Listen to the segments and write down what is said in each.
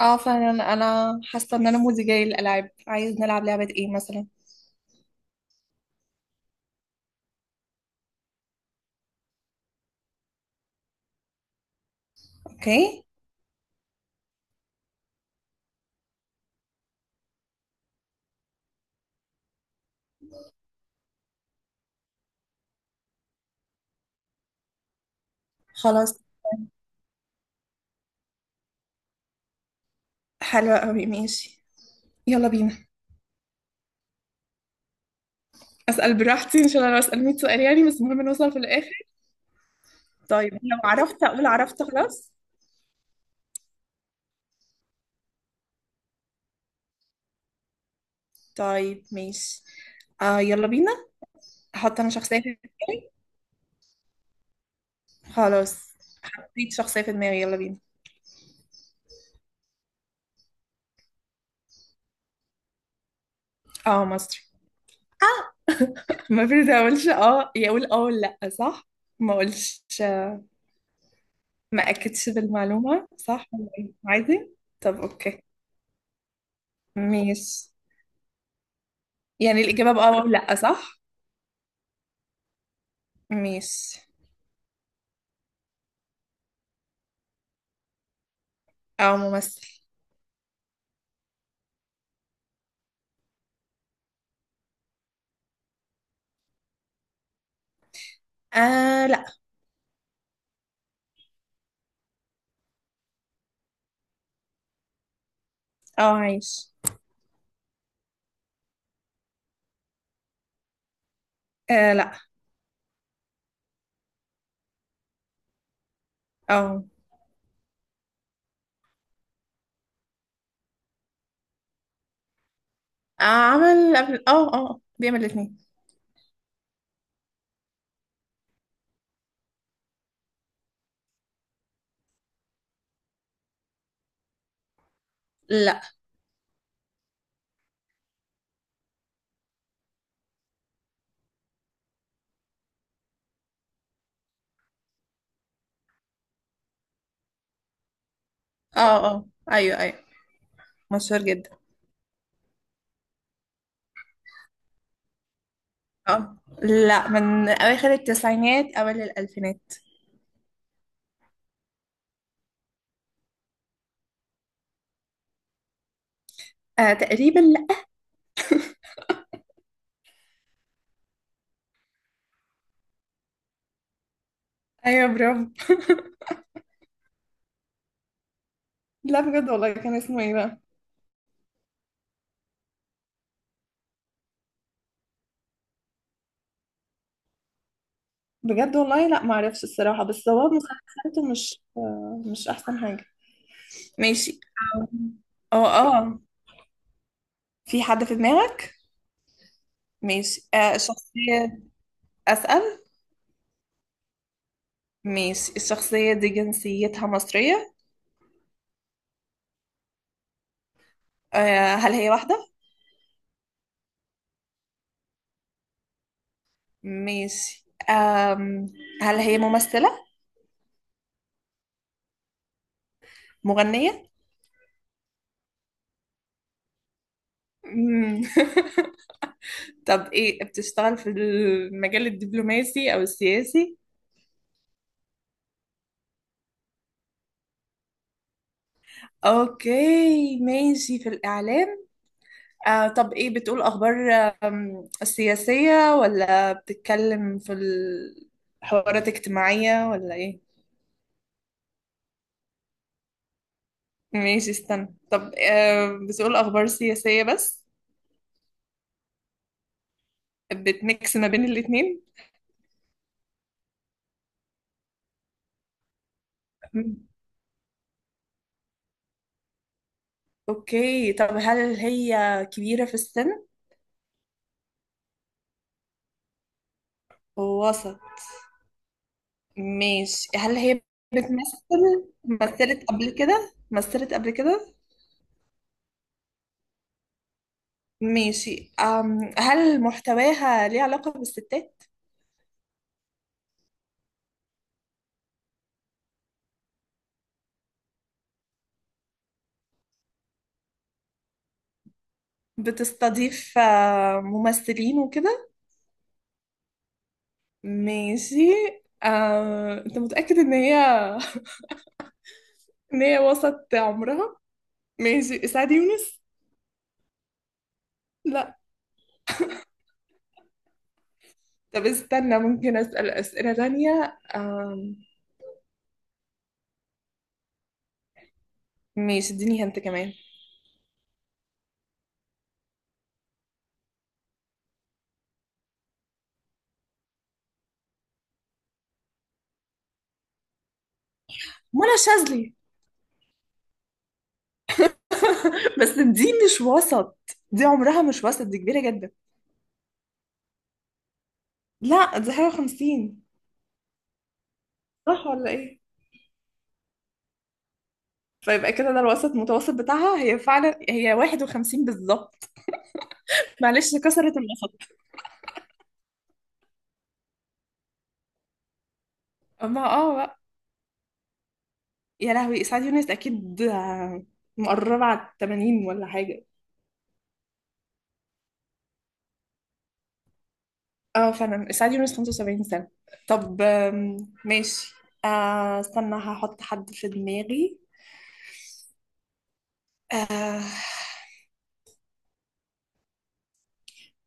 اه فعلا انا حاسه ان انا مودي جاي للالعاب، عايز نلعب لعبه ايه مثلا؟ اوكي. خلاص، حلوه قوي، ماشي. يلا بينا، اسال براحتي ان شاء الله، لو اسال 100 سؤال يعني بس المهم نوصل في الاخر. طيب لو عرفت اقول عرفت خلاص. طيب ماشي. يلا بينا. احط انا شخصيه في دماغي. خلاص، حطيت شخصيه في دماغي يلا بينا. اه مصري. ما المفروض ما اقولش اه يقول اه ولا لا، صح؟ ما اقولش. ما اكدش بالمعلومه صح ولا إيه؟ عادي. طب اوكي. ميس. يعني الإجابة بأه أو لأ صح؟ ميس. أو ممثل. لأ. أو عايش. لأ. أو آه. عمل قبل، أه بيعمل الاتنين. لأ. أه أه أيوه، مشهور جدا. أه لأ، من أواخر التسعينات أوائل الألفينات. آه تقريبا لأ. أيوه برافو. لا بجد والله، كان اسمه إيه بقى؟ بجد والله لأ معرفش الصراحة، بس هو مسلسلاته مش مش أحسن حاجة. ماشي. أه أه. في حد في دماغك. ماشي، آه الشخصية. أسأل. ماشي، الشخصية دي جنسيتها مصرية. آه، هل هي واحدة؟ ماشي. آم، هل هي ممثلة؟ مغنية. مم. طب إيه، بتشتغل في المجال الدبلوماسي أو السياسي؟ أوكي ماشي، في الإعلام. آه طب إيه، بتقول أخبار؟ آم، السياسية، ولا بتتكلم في الحوارات الاجتماعية ولا إيه؟ ماشي استنى. طب آه بتقول أخبار سياسية بس؟ بتميكس ما بين الاتنين؟ مم. أوكي. طب هل هي كبيرة في السن؟ وسط. ماشي، هل هي بتمثل؟ مثلت قبل كده؟ ماشي أم، هل محتواها ليه علاقة بالستات؟ بتستضيف آه، ممثلين وكده؟ ماشي. أم... أنت متأكد إن هي إن هي وسط عمرها؟ ماشي إسعاد يونس؟ لا. طب استنى، ممكن أسأل أسئلة تانية؟ أم... ماشي، اديني هنت كمان. منى شاذلي. بس دي مش وسط، دي عمرها مش وسط، دي كبيرة جدا. لا دي حاجة وخمسين. صح ولا ايه؟ فيبقى كده ده الوسط المتوسط بتاعها، هي فعلا هي واحد وخمسين بالظبط. معلش كسرت الوسط. أما اه بقى، يا لهوي إسعاد يونس أكيد آه، مقربة على التمانين ولا حاجة. اه فعلا اسعاد يونس 75 سنة. طب آم، ماشي. آه استنى، هحط حد في دماغي. آه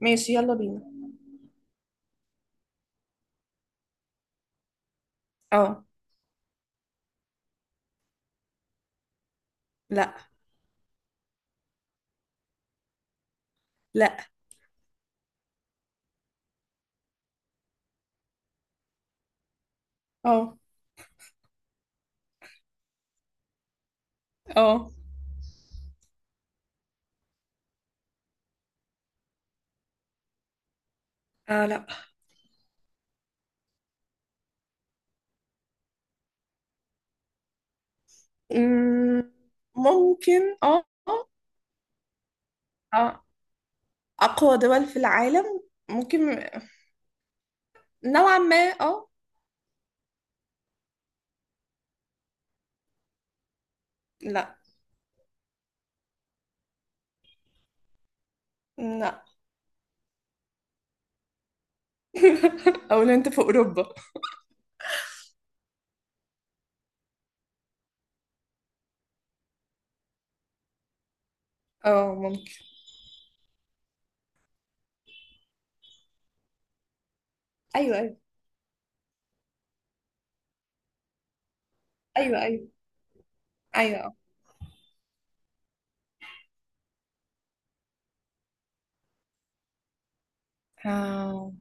ماشي يلا بينا. اه. لا لا. اه اه اه. لا. مم، ممكن. اه. آه. اقوى دول في العالم؟ ممكن، نوعا ما. اه. لا. لا او لو انت في اوروبا. اه ممكن. ايوه ايوه ايوه ايوه ايوه. اه.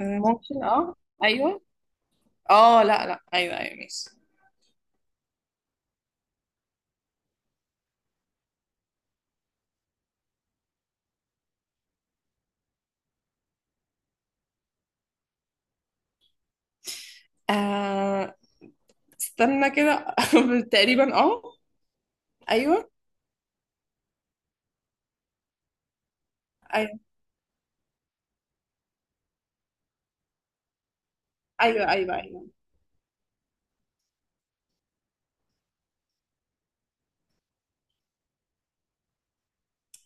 آه، ممكن اه. ايوه. لا ايوه ماشي. آه استنى كده تقريبا اه. ايوه ايوه ايوه ايوه ايوه.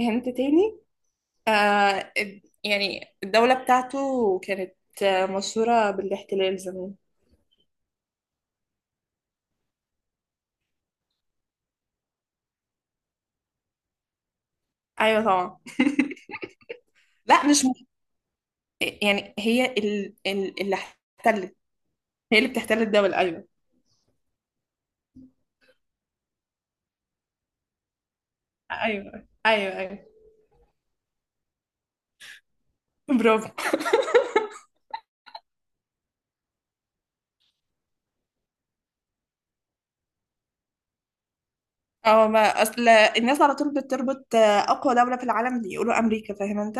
هنت تاني. يعني الدولة بتاعته كانت آه، مشهورة بالاحتلال زمان. ايوه طبعا. لا مش م... يعني هي اللي احتلت. هي اللي بتحتل الدولة ايوه. ايوه برافو. اه ما اصل الناس على طول بتربط آه، اقوى دولة في العالم يقولوا امريكا، فاهم انت.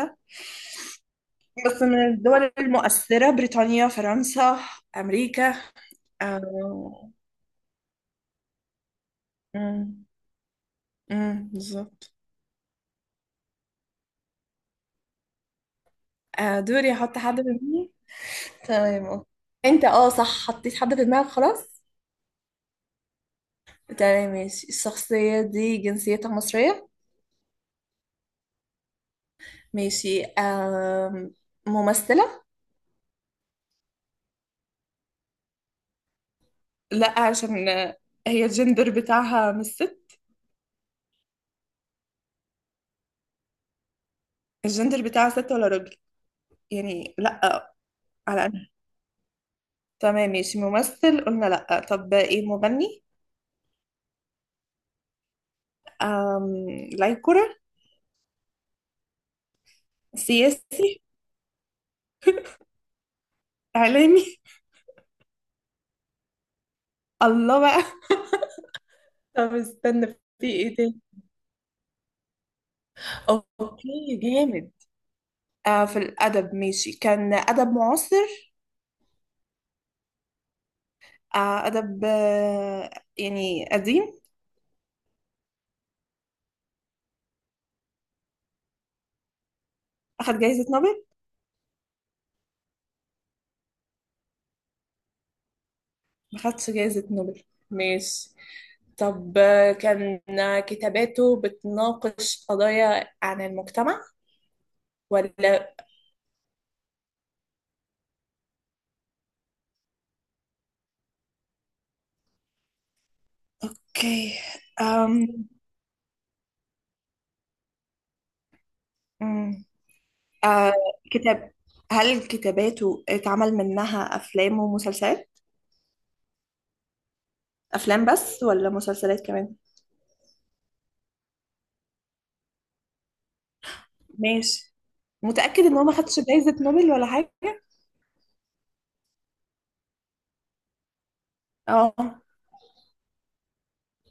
بس من الدول المؤثرة بريطانيا فرنسا أمريكا. آه. أمم، أمم، بالظبط. آه دوري، أحط حد في دماغي. تمام أوكي. أنت صح حطيت حد في دماغك خلاص. تمام ماشي، الشخصية دي جنسيتها مصرية. ماشي آه، ممثلة. لا عشان هي الجندر بتاعها مش ست. الجندر بتاعها ست ولا راجل؟ يعني لا. على أنا. تمام ماشي، ممثل قلنا لا، طب إيه، مغني؟ آم... لا يكرة. سياسي. اعلامي. الله بقى. طب استنى، في ايه تاني؟ اوكي جامد. آه في الادب ماشي، كان ادب معاصر؟ آه ادب آه يعني قديم. اخد جائزة نوبل؟ ما خدش جائزة نوبل. ماشي. طب آه، كان آه، كتاباته بتناقش قضايا عن المجتمع ولا؟ اوكي. أم... أم، آه كتاب. هل كتاباته اتعمل منها افلام ومسلسلات؟ افلام بس ولا مسلسلات كمان؟ ماشي. متأكد ان هو ما خدش جايزة نوبل ولا حاجة؟ اه.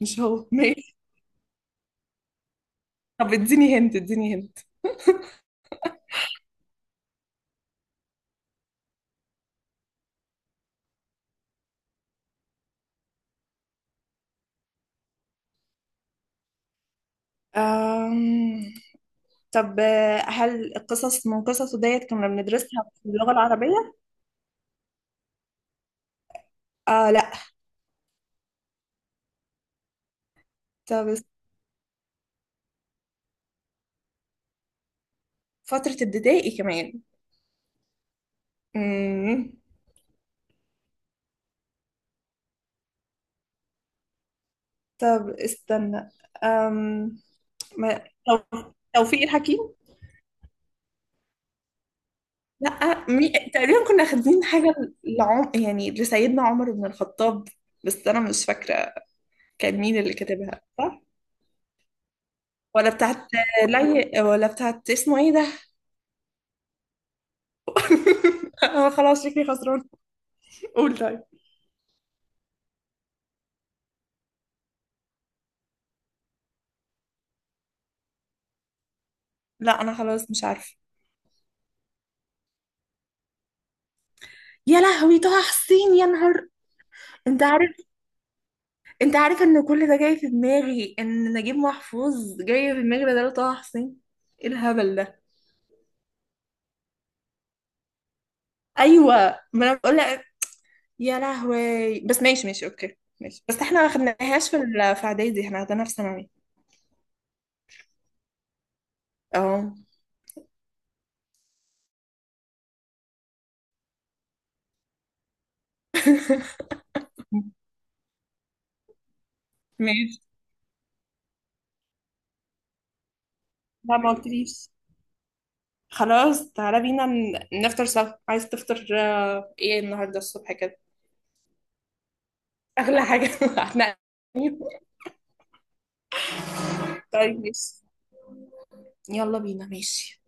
مش هو ماشي، طب اديني هنت، أم... طب آه، هل القصص من قصصه ديت كنا بندرسها في اللغة العربية؟ آه لا. طب است-، فترة ابتدائي كمان. مم. طب استنى، أم... ما... تو- توفيق الحكيم. لا مي... تقريبا كنا خادين حاجة لعم... يعني لسيدنا عمر بن الخطاب، بس أنا مش فاكرة. كان مين اللي كاتبها صح؟ ولا بتاعت لي، ولا بتاعت اسمه ايه ده؟ أنا خلاص شكلي خسران. قول طيب. لا أنا خلاص مش عارفة. يا لهوي طه حسين، يا نهار. انت عارف، ان كل ده جاي في دماغي، ان نجيب محفوظ جاي في دماغي بدل طه حسين. ايه الهبل ده. ايوه ما انا بقول. يا لهوي، بس ماشي ماشي اوكي ماشي، بس احنا ما خدناهاش في اعدادي، احنا خدناها في ثانوي. اه ماشي. لا ما قلتليش. خلاص تعالى بينا ن- نفطر سوا، عايز تفطر آه، ايه النهارده الصبح كده؟ اغلى حاجه هتنقل. طيب ماشي، يلا بينا ماشي.